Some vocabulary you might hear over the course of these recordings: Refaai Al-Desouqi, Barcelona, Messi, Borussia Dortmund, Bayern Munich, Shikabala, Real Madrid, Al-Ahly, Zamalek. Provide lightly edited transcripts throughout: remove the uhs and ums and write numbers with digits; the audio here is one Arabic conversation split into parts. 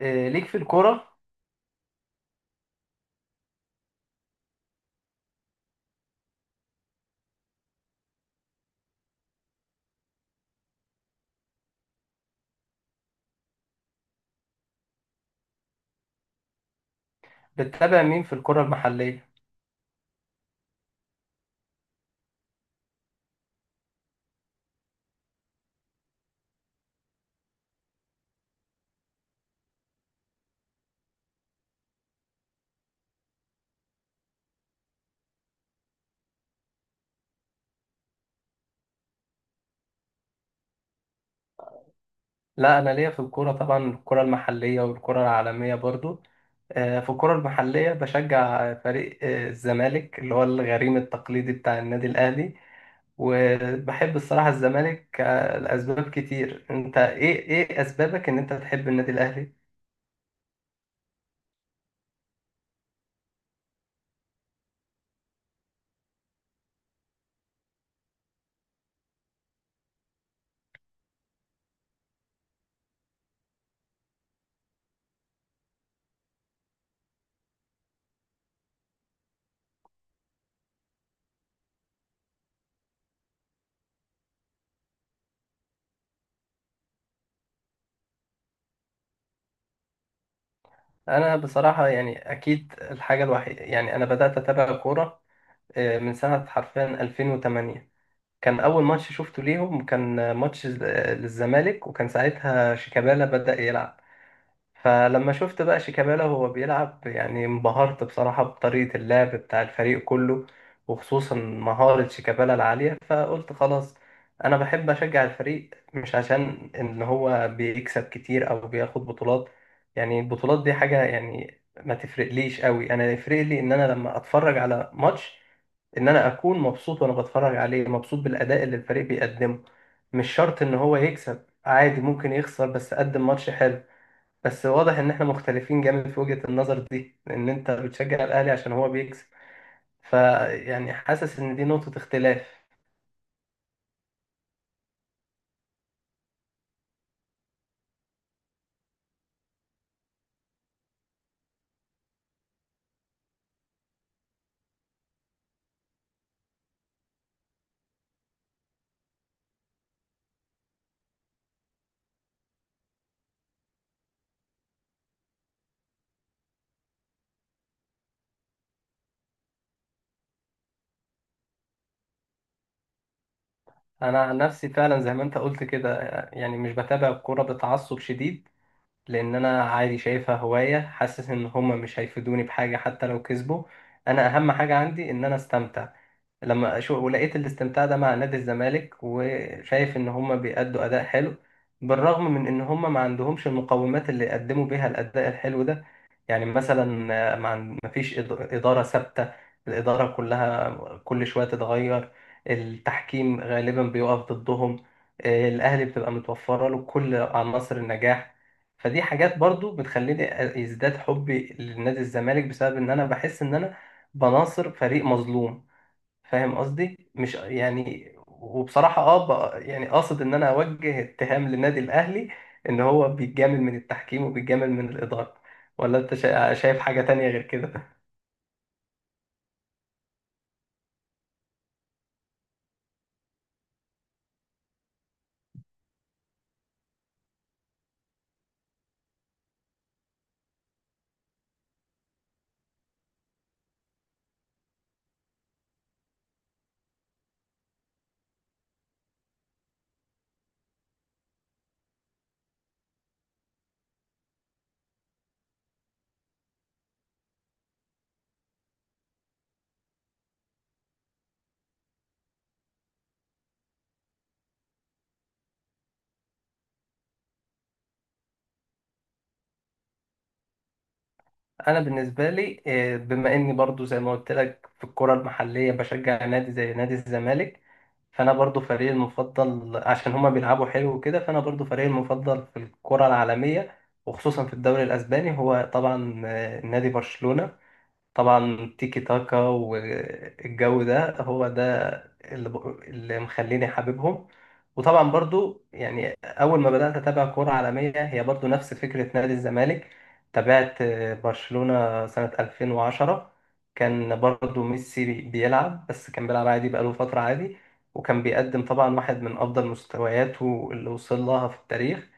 إيه، ليك في الكرة. بتتابع مين في الكرة المحلية؟ لا، أنا ليا في الكرة طبعا، الكرة المحلية والكرة العالمية برضو. في الكرة المحلية بشجع فريق الزمالك اللي هو الغريم التقليدي بتاع النادي الأهلي. وبحب الصراحة الزمالك لأسباب كتير. أنت إيه أسبابك إن أنت تحب النادي الأهلي؟ أنا بصراحة يعني، أكيد الحاجة الوحيدة، يعني أنا بدأت أتابع كورة من سنة حرفيا 2008. كان أول ماتش شفته ليهم كان ماتش للزمالك، وكان ساعتها شيكابالا بدأ يلعب. فلما شفت بقى شيكابالا وهو بيلعب، يعني انبهرت بصراحة بطريقة اللعب بتاع الفريق كله، وخصوصا مهارة شيكابالا العالية. فقلت خلاص، أنا بحب أشجع الفريق مش عشان إن هو بيكسب كتير أو بياخد بطولات. يعني البطولات دي حاجة، يعني ما تفرقليش قوي. أنا يفرق لي إن أنا لما أتفرج على ماتش، ان انا اكون مبسوط، وانا بتفرج عليه مبسوط بالاداء اللي الفريق بيقدمه. مش شرط ان هو يكسب، عادي ممكن يخسر بس قدم ماتش حلو. بس واضح ان احنا مختلفين جامد في وجهة النظر دي، لان انت بتشجع الاهلي عشان هو بيكسب. فيعني حاسس ان دي نقطة اختلاف. انا عن نفسي فعلا زي ما انت قلت كده، يعني مش بتابع الكورة بتعصب شديد، لان انا عادي شايفها هواية. حاسس ان هما مش هيفيدوني بحاجة حتى لو كسبوا. انا اهم حاجة عندي ان انا استمتع. لما شو ولقيت الاستمتاع ده مع نادي الزمالك، وشايف ان هما بيأدوا اداء حلو، بالرغم من ان هما ما عندهمش المقومات اللي يقدموا بيها الاداء الحلو ده. يعني مثلا ما فيش اداره ثابته. الاداره كلها كل شويه تتغير. التحكيم غالبا بيقف ضدهم. الاهلي بتبقى متوفره له كل عناصر النجاح. فدي حاجات برضو بتخليني يزداد حبي لنادي الزمالك، بسبب ان انا بحس ان انا بناصر فريق مظلوم. فاهم قصدي؟ مش يعني وبصراحة يعني قاصد ان انا اوجه اتهام للنادي الاهلي ان هو بيتجامل من التحكيم وبيتجامل من الادارة. ولا انت شايف حاجة تانية غير كده؟ انا بالنسبة لي بما اني برضو زي ما قلت لك في الكرة المحلية بشجع نادي زي نادي الزمالك، فانا برضو فريقي المفضل عشان هما بيلعبوا حلو وكده. فانا برضو فريقي المفضل في الكرة العالمية، وخصوصا في الدوري الاسباني، هو طبعا نادي برشلونة. طبعا تيكي تاكا والجو ده، هو ده اللي, ب... اللي مخليني حاببهم. وطبعا برضو، يعني اول ما بدات اتابع كوره عالميه هي برضو نفس فكره نادي الزمالك. تابعت برشلونه سنه 2010، كان برضو ميسي بيلعب، بس كان بيلعب عادي بقاله فتره عادي. وكان بيقدم طبعا واحد من افضل مستوياته اللي وصل لها في التاريخ.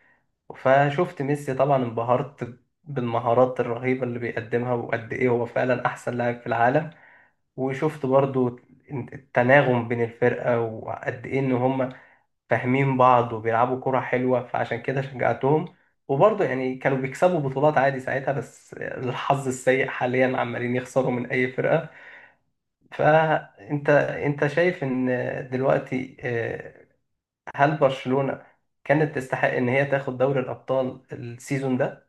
فشفت ميسي طبعا، انبهرت بالمهارات الرهيبة اللي بيقدمها، وقد إيه هو فعلا أحسن لاعب في العالم. وشفت برضو التناغم بين الفرقة وقد إيه إن هم فاهمين بعض وبيلعبوا كرة حلوة، فعشان كده شجعتهم. وبرضو يعني كانوا بيكسبوا بطولات عادي ساعتها، بس الحظ السيء حاليا عمالين يخسروا من أي فرقة. فأنت، أنت شايف إن دلوقتي هل برشلونة كانت تستحق إن هي تاخد دوري الأبطال السيزون ده؟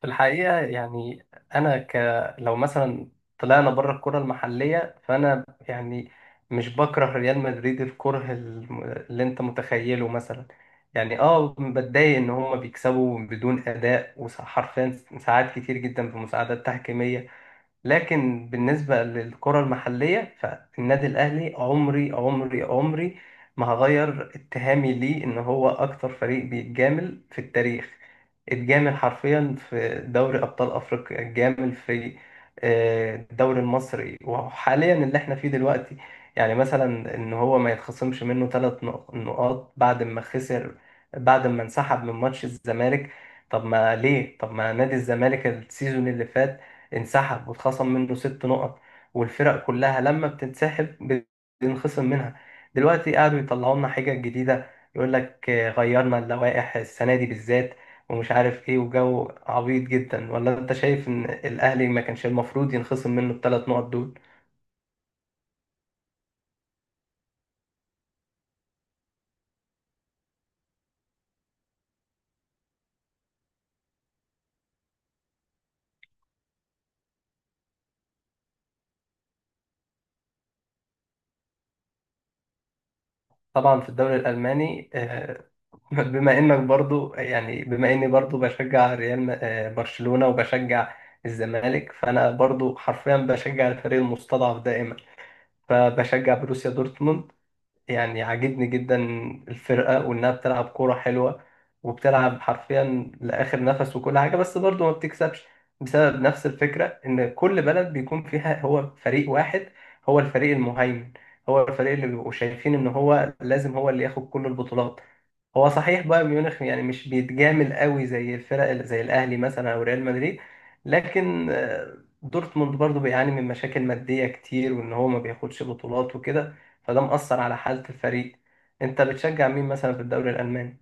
في الحقيقة يعني أنا ك لو مثلا طلعنا بره الكرة المحلية، فأنا يعني مش بكره ريال مدريد، اللي أنت متخيله مثلا. يعني أه، بتضايق إن هما بيكسبوا بدون أداء، وحرفيا ساعات كتير جدا بمساعدات تحكيمية. لكن بالنسبة للكرة المحلية، فالنادي الأهلي عمري ما هغير اتهامي ليه إن هو أكتر فريق بيتجامل في التاريخ. اتجامل حرفيا في دوري أبطال أفريقيا، اتجامل في الدوري المصري، وحاليا اللي احنا فيه دلوقتي. يعني مثلا إن هو ما يتخصمش منه ثلاث نقاط بعد ما خسر، بعد ما انسحب من ماتش الزمالك. طب ما ليه؟ طب ما نادي الزمالك السيزون اللي فات انسحب واتخصم منه ست نقط. والفرق كلها لما بتنسحب بينخصم منها. دلوقتي قعدوا يطلعوا لنا حجج جديدة، يقول لك غيرنا اللوائح السنة دي بالذات، ومش عارف ايه، وجو عبيط جدا. ولا انت شايف ان الاهلي ما كانش المفروض ينخصم منه الثلاث نقط دول؟ طبعا في الدوري الالماني بما اني برضو بشجع ريال م- آه، برشلونة وبشجع الزمالك، فانا برضو حرفيا بشجع الفريق المستضعف دائما. فبشجع بروسيا دورتموند، يعني عاجبني جدا الفرقة، وإنها بتلعب كورة حلوة، وبتلعب حرفيا لآخر نفس وكل حاجة، بس برضه ما بتكسبش، بسبب نفس الفكرة إن كل بلد بيكون فيها هو فريق واحد، هو الفريق المهيمن، هو الفريق اللي بيبقوا شايفين إن هو لازم هو اللي ياخد كل البطولات. هو صحيح بايرن ميونخ يعني مش بيتجامل قوي زي زي الأهلي مثلا أو ريال مدريد، لكن دورتموند برضه بيعاني من مشاكل مادية كتير، وإن هو ما بياخدش بطولات وكده، فده مأثر على حالة الفريق. انت بتشجع مين مثلا في الدوري الألماني؟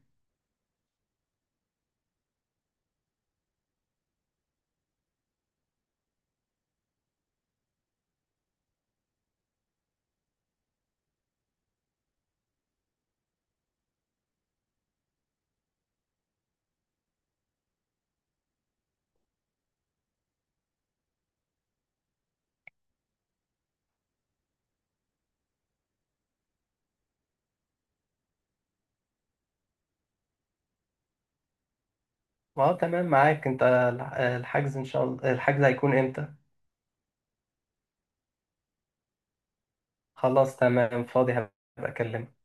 ما هو تمام معاك انت. الحجز ان شاء الله الحجز هيكون امتى؟ خلاص تمام، فاضي هبقى اكلمك.